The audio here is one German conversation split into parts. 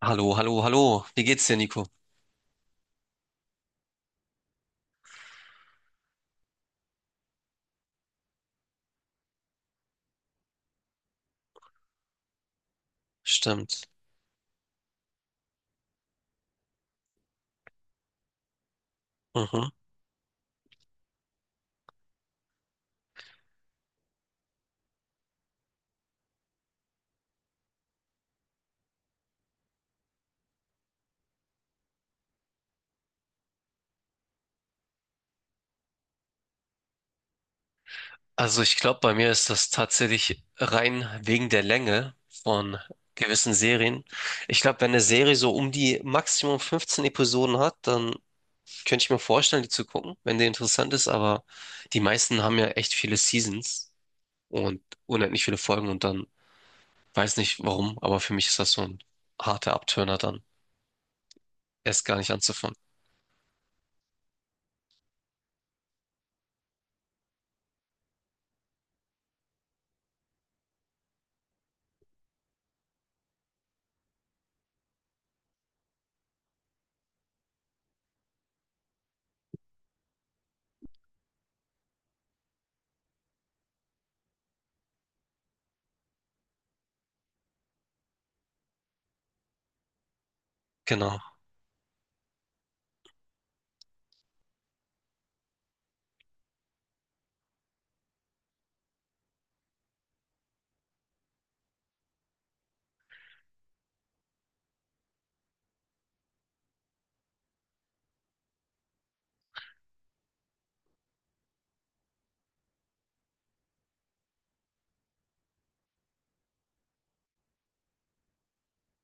Hallo, hallo, hallo. Wie geht's dir, Nico? Stimmt. Mhm. Also ich glaube, bei mir ist das tatsächlich rein wegen der Länge von gewissen Serien. Ich glaube, wenn eine Serie so um die Maximum 15 Episoden hat, dann könnte ich mir vorstellen, die zu gucken, wenn die interessant ist. Aber die meisten haben ja echt viele Seasons und unendlich viele Folgen und dann weiß nicht warum, aber für mich ist das so ein harter Abturner dann, erst gar nicht anzufangen. Genau.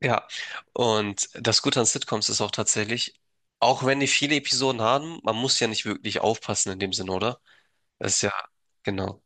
Ja, und das Gute an Sitcoms ist auch tatsächlich, auch wenn die viele Episoden haben, man muss ja nicht wirklich aufpassen in dem Sinne, oder? Das ist ja, genau.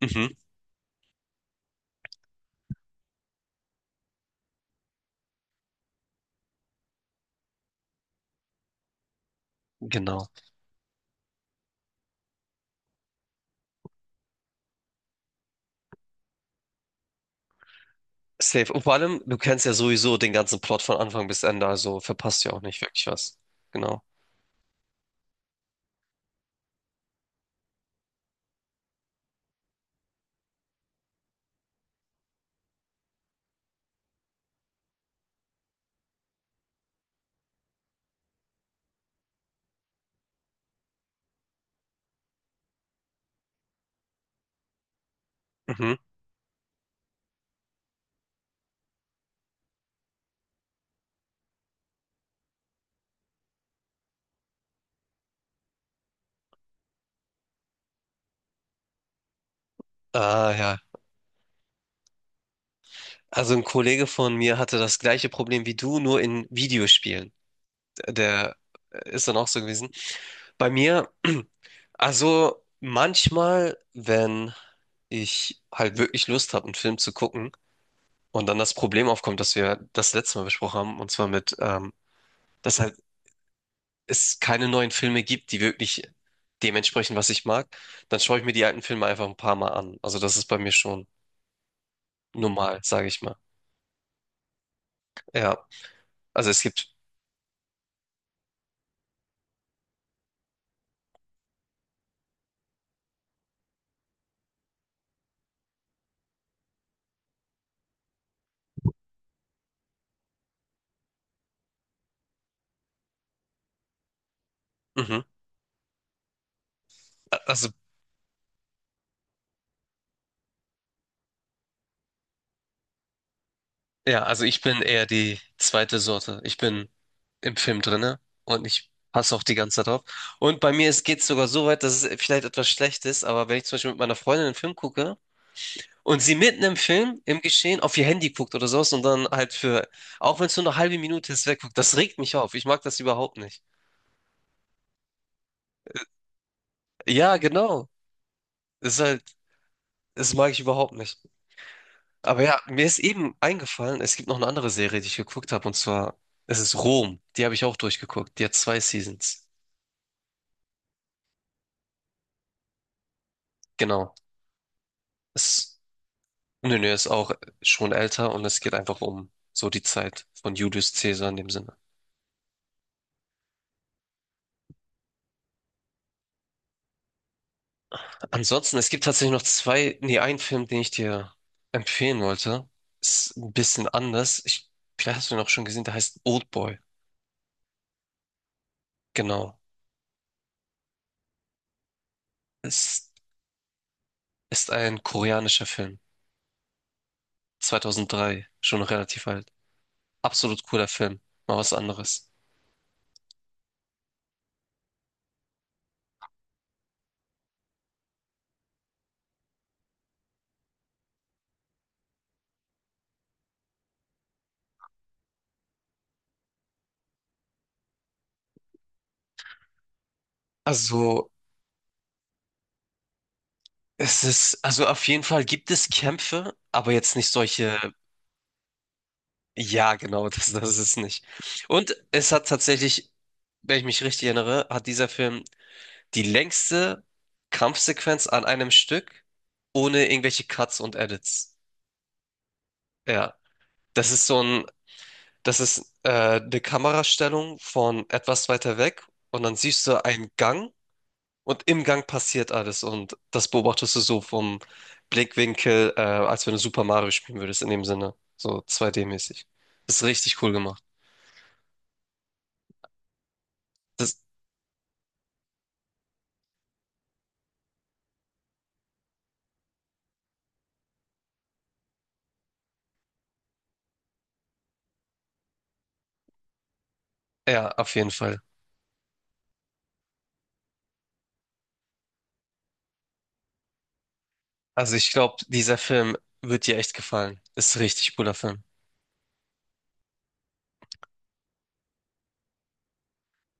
Mhm, genau. Safe. Und vor allem, du kennst ja sowieso den ganzen Plot von Anfang bis Ende, also verpasst ja auch nicht wirklich was. Genau. Mhm. Ah, ja. Also ein Kollege von mir hatte das gleiche Problem wie du, nur in Videospielen. Der ist dann auch so gewesen. Bei mir, also manchmal, wenn ich halt wirklich Lust habe, einen Film zu gucken und dann das Problem aufkommt, dass wir das letzte Mal besprochen haben, und zwar mit, dass halt es keine neuen Filme gibt, die wirklich dementsprechend, was ich mag, dann schaue ich mir die alten Filme einfach ein paar Mal an. Also das ist bei mir schon normal, sage ich mal. Ja, also es gibt, mhm, also ja, also ich bin eher die zweite Sorte. Ich bin im Film drinne und ich passe auch die ganze Zeit drauf. Und bei mir geht es sogar so weit, dass es vielleicht etwas schlecht ist, aber wenn ich zum Beispiel mit meiner Freundin einen Film gucke und sie mitten im Film, im Geschehen, auf ihr Handy guckt oder sowas und dann halt für, auch wenn es nur eine halbe Minute ist, wegguckt, das regt mich auf. Ich mag das überhaupt nicht. Ja, genau. Das ist halt, das mag ich überhaupt nicht. Aber ja, mir ist eben eingefallen, es gibt noch eine andere Serie, die ich geguckt habe, und zwar, es ist Rom. Die habe ich auch durchgeguckt. Die hat zwei Seasons. Genau. Es nö, nö, er ist auch schon älter und es geht einfach um so die Zeit von Julius Caesar in dem Sinne. Ansonsten, es gibt tatsächlich noch zwei, nee, einen Film, den ich dir empfehlen wollte. Ist ein bisschen anders. Ich, vielleicht hast du ihn auch schon gesehen, der heißt Old Boy. Genau. Es ist ein koreanischer Film. 2003, schon relativ alt. Absolut cooler Film. Mal was anderes. Also, es ist, also auf jeden Fall gibt es Kämpfe, aber jetzt nicht solche. Ja, genau, das, das ist es nicht. Und es hat tatsächlich, wenn ich mich richtig erinnere, hat dieser Film die längste Kampfsequenz an einem Stück ohne irgendwelche Cuts und Edits. Ja, das ist so ein, das ist eine Kamerastellung von etwas weiter weg und dann siehst du einen Gang und im Gang passiert alles und das beobachtest du so vom Blickwinkel, als wenn du Super Mario spielen würdest, in dem Sinne, so 2D-mäßig. Das ist richtig cool gemacht. Das, ja, auf jeden Fall. Also ich glaube, dieser Film wird dir echt gefallen. Ist ein richtig cooler Film.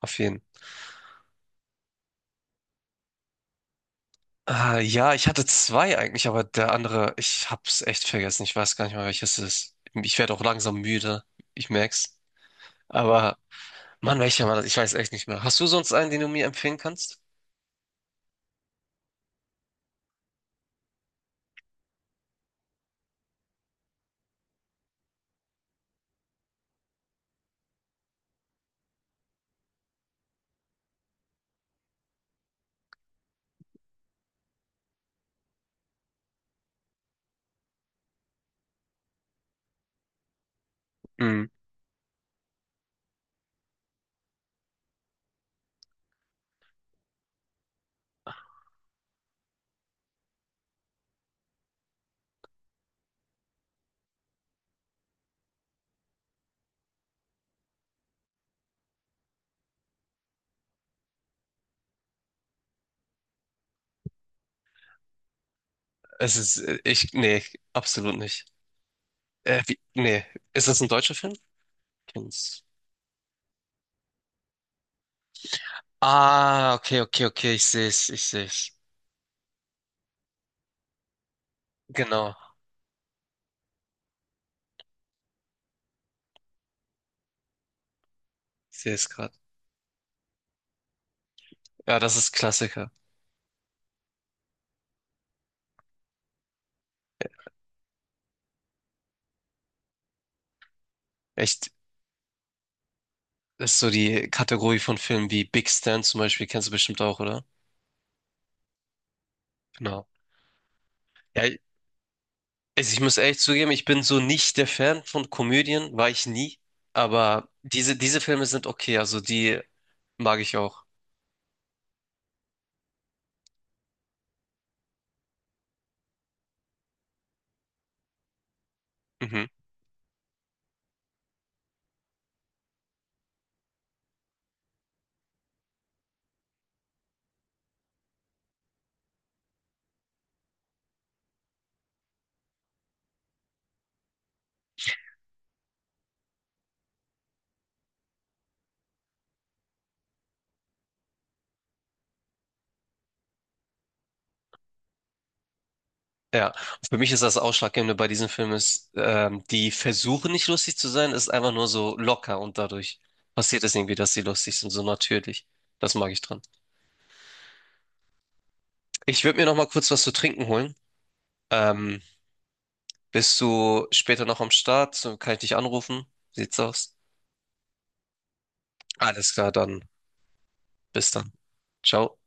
Auf jeden. Ah, ja, ich hatte zwei eigentlich, aber der andere, ich hab's echt vergessen. Ich weiß gar nicht mal, welches es ist. Ich werde auch langsam müde. Ich merk's. Aber Mann, welcher war das? Ich weiß echt nicht mehr. Hast du sonst einen, den du mir empfehlen kannst? Hm. Es ist, ich, nee, absolut nicht. Wie, nee, ist das ein deutscher Film? Kennst. Ah, okay, okay, okay, ich seh's, ich seh's. Genau, ich seh's gerade. Ja, das ist Klassiker. Echt, das ist so die Kategorie von Filmen wie Big Stan zum Beispiel, kennst du bestimmt auch, oder? Genau. Ja, ich, also ich muss ehrlich zugeben, ich bin so nicht der Fan von Komödien, war ich nie. Aber diese, diese Filme sind okay, also die mag ich auch. Mhm. Ja, und für mich ist das Ausschlaggebende bei diesen Filmen ist, die versuchen nicht lustig zu sein, ist einfach nur so locker und dadurch passiert es irgendwie, dass sie lustig sind, so natürlich. Das mag ich dran. Ich würde mir noch mal kurz was zu trinken holen. Ähm, Bist du später noch am Start? So, kann ich dich anrufen? Sieht's aus? Alles klar, dann bis dann. Ciao.